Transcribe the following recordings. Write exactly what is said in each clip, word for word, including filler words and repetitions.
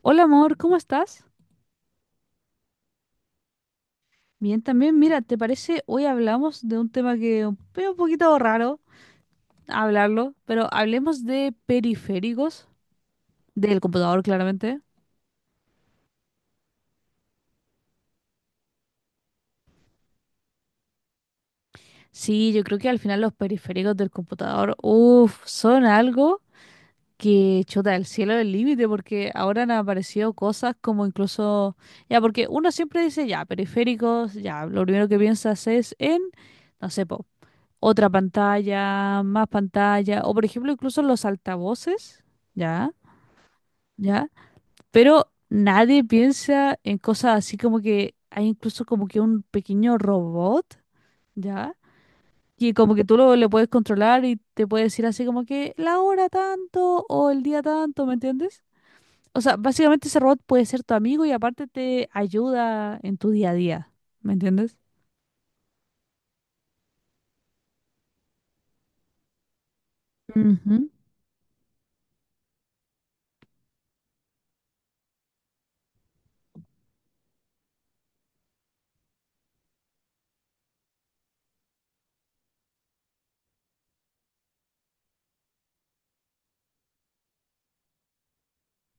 Hola amor, ¿cómo estás? Bien, también, mira, ¿te parece? Hoy hablamos de un tema que un- es un poquito raro hablarlo, pero hablemos de periféricos del computador, claramente. Sí, yo creo que al final los periféricos del computador, uff, son algo que chuta el cielo del límite, porque ahora han aparecido cosas como incluso, ya, porque uno siempre dice, ya, periféricos, ya, lo primero que piensas es en, no sé, po, otra pantalla, más pantalla, o por ejemplo incluso los altavoces, ¿ya? ¿Ya? Pero nadie piensa en cosas así como que hay incluso como que un pequeño robot, ¿ya? Y como que tú lo, le puedes controlar y te puede decir así como que la hora tanto o el día tanto, ¿me entiendes? O sea, básicamente ese robot puede ser tu amigo y aparte te ayuda en tu día a día, ¿me entiendes? Ujú.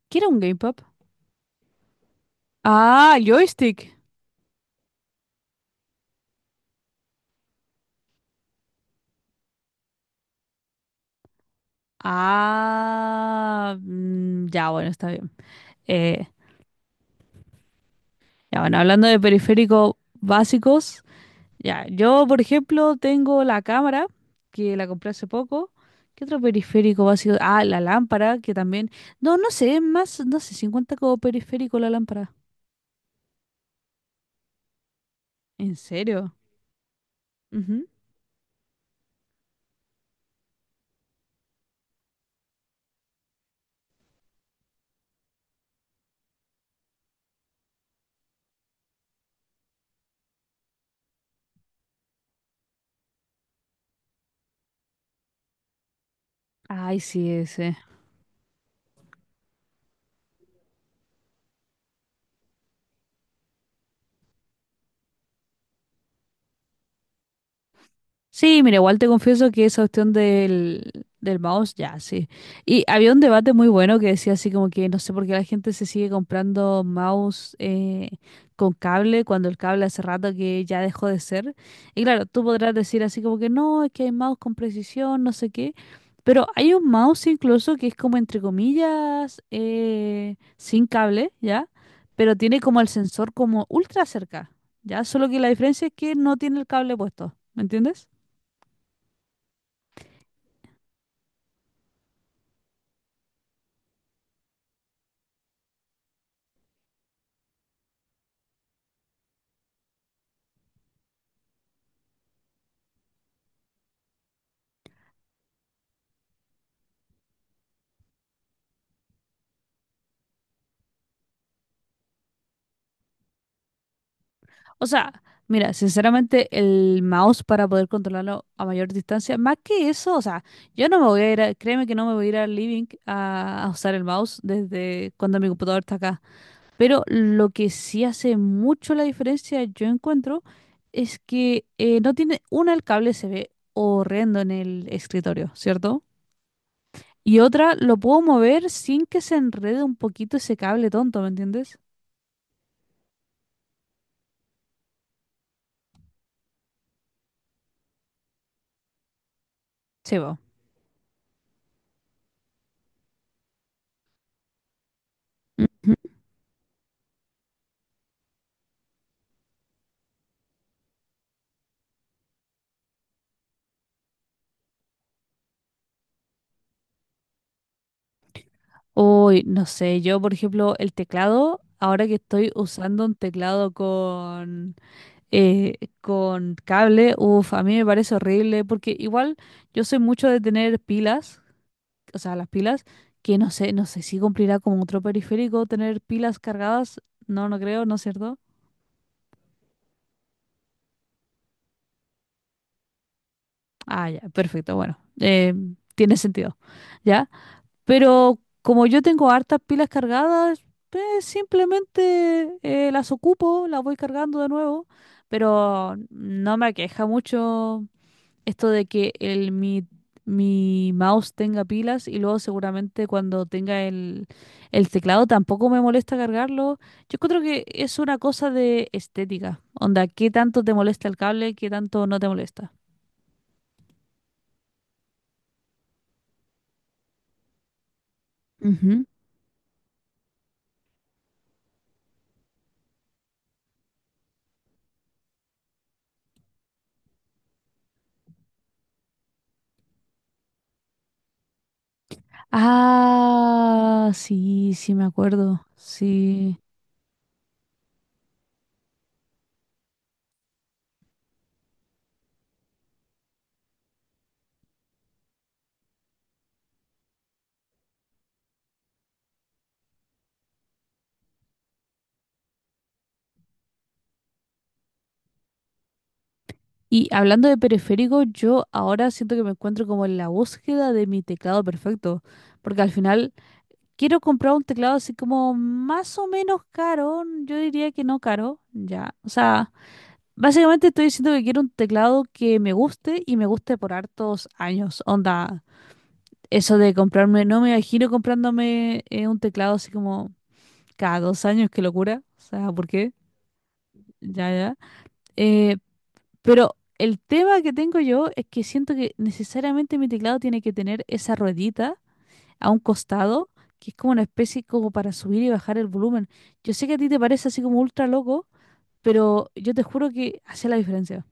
¿Qué era un gamepad? Ah, joystick. Ah, mm, ya, bueno, está bien. Eh, ya, bueno, hablando de periféricos básicos, ya, yo, por ejemplo, tengo la cámara, que la compré hace poco. ¿Qué otro periférico básico? Ah, la lámpara, que también. No, no sé, es más, no sé, cincuenta como periférico la lámpara. ¿En serio? Ujú. Ay, sí, ese. Sí, mira, igual te confieso que esa cuestión del, del mouse, ya, sí. Y había un debate muy bueno que decía así como que no sé por qué la gente se sigue comprando mouse eh, con cable cuando el cable hace rato que ya dejó de ser. Y claro, tú podrás decir así como que no, es que hay mouse con precisión, no sé qué. Pero hay un mouse incluso que es como entre comillas eh, sin cable, ¿ya? Pero tiene como el sensor como ultra cerca, ¿ya? Solo que la diferencia es que no tiene el cable puesto, ¿me entiendes? O sea, mira, sinceramente el mouse para poder controlarlo a mayor distancia, más que eso, o sea, yo no me voy a ir, a- créeme que no me voy a ir al living a, a usar el mouse desde cuando mi computador está acá. Pero lo que sí hace mucho la diferencia, yo encuentro, es que eh, no tiene, una, el cable se ve horrendo en el escritorio, ¿cierto? Y otra, lo puedo mover sin que se enrede un poquito ese cable tonto, ¿me entiendes? Sí, va. Ujú. Uy, no sé, yo por ejemplo el teclado, ahora que estoy usando un teclado con, eh, con cable, uff, a mí me parece horrible porque igual yo soy mucho de tener pilas, o sea, las pilas, que no sé, no sé si cumplirá como otro periférico tener pilas cargadas, no, no creo, ¿no es cierto? Ah, ya, perfecto, bueno, eh, tiene sentido, ¿ya? Pero como yo tengo hartas pilas cargadas, pues simplemente eh, las ocupo, las voy cargando de nuevo. Pero no me aqueja mucho esto de que el, mi, mi mouse tenga pilas y luego seguramente cuando tenga el, el teclado tampoco me molesta cargarlo. Yo creo que es una cosa de estética. Onda, ¿qué tanto te molesta el cable? ¿Qué tanto no te molesta? Ujú. Ah, sí, sí me acuerdo. Sí. Y hablando de periféricos, yo ahora siento que me encuentro como en la búsqueda de mi teclado perfecto, porque al final quiero comprar un teclado así como más o menos caro, yo diría que no caro, ya. O sea, básicamente estoy diciendo que quiero un teclado que me guste y me guste por hartos años. Onda, eso de comprarme, no me imagino comprándome eh, un teclado así como cada dos años, qué locura. O sea, ¿por qué? Ya, ya. Eh, Pero el tema que tengo yo es que siento que necesariamente mi teclado tiene que tener esa ruedita a un costado, que es como una especie como para subir y bajar el volumen. Yo sé que a ti te parece así como ultra loco, pero yo te juro que hace la diferencia.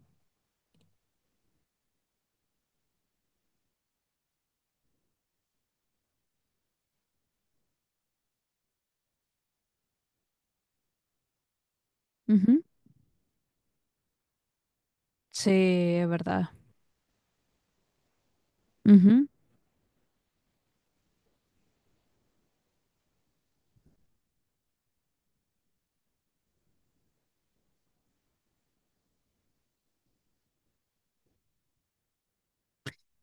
Ujú. Sí, es verdad. Ujú.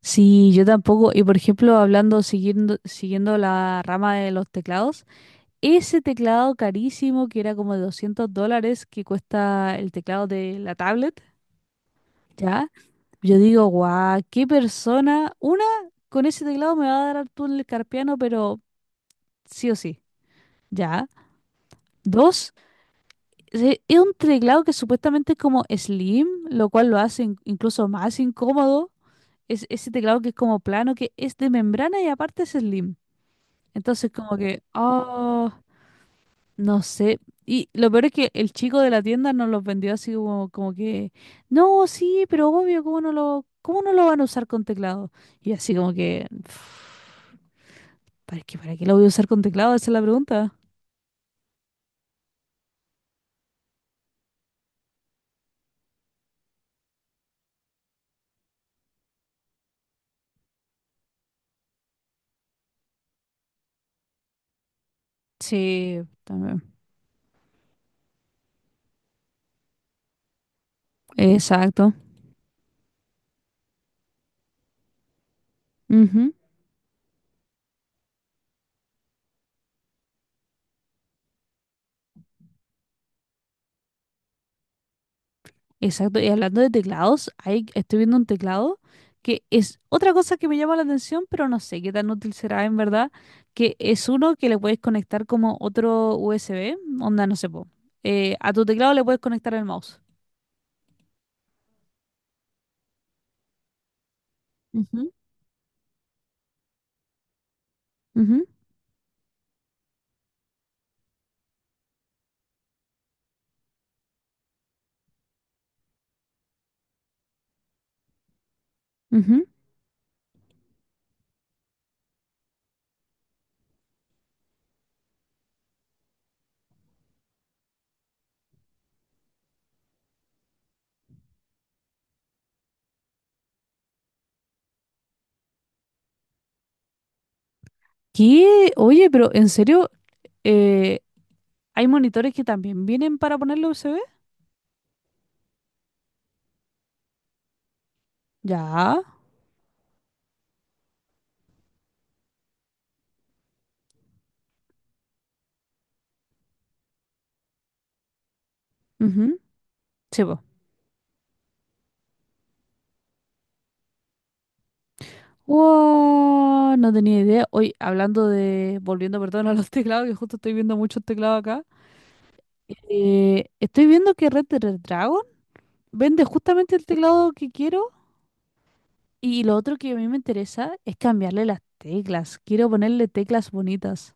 Sí, yo tampoco. Y por ejemplo, hablando, siguiendo, siguiendo la rama de los teclados, ese teclado carísimo que era como de doscientos dólares que cuesta el teclado de la tablet, ¿ya? Yo digo, guau, qué persona. Una, con ese teclado me va a dar al túnel carpiano, pero sí o sí. Ya. Dos, se- es un teclado que supuestamente es como slim, lo cual lo hace in- incluso más incómodo. Es ese teclado que es como plano, que es de membrana y aparte es slim. Entonces, como que, oh. No sé. Y lo peor es que el chico de la tienda nos los vendió así como, como que, no, sí, pero obvio, ¿cómo no lo, cómo no lo van a usar con teclado? Y así como que, "Pff, ¿para qué, para qué lo voy a usar con teclado? Esa es la pregunta. Sí, también. Exacto. Ujú. Exacto, y hablando de teclados, ahí estoy viendo un teclado que es otra cosa que me llama la atención, pero no sé qué tan útil será en verdad, que es uno que le puedes conectar como otro U S B, onda, no sé, po, eh, a tu teclado le puedes conectar el mouse. Ujú. Ujú, ujú. ¿Qué? Oye, pero en serio, eh, ¿hay monitores que también vienen para ponerle U S B? Ya. Ujú. Sí, po. Wow, no tenía idea. Hoy, hablando de, volviendo, perdón, a los teclados, que justo estoy viendo muchos teclados acá. Eh, estoy viendo que Red Dead Dragon vende justamente el teclado que quiero y lo otro que a mí me interesa es cambiarle las teclas. Quiero ponerle teclas bonitas.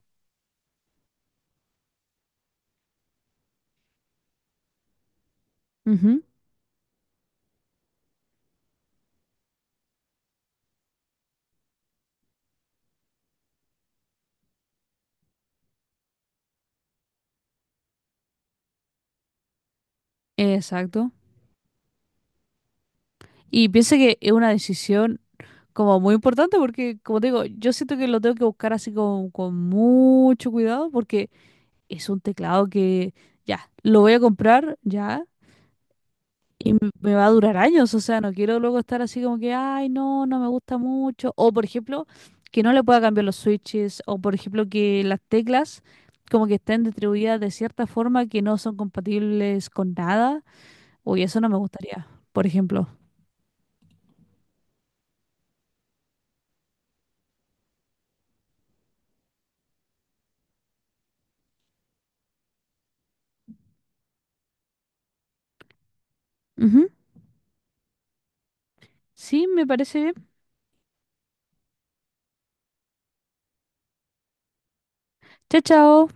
Ujú, Exacto. Y pienso que es una decisión como muy importante porque, como te digo, yo siento que lo tengo que buscar así con, con mucho cuidado porque es un teclado que ya, lo voy a comprar ya, Y m- me va a durar años, o sea, no quiero luego estar así como que, ay, no, no me gusta mucho. O, por ejemplo, que no le pueda cambiar los switches. O, por ejemplo, que las teclas como que estén distribuidas de cierta forma que no son compatibles con nada. Uy, eso no me gustaría, por ejemplo. Ujú. Sí, me parece bien. Chao, chao.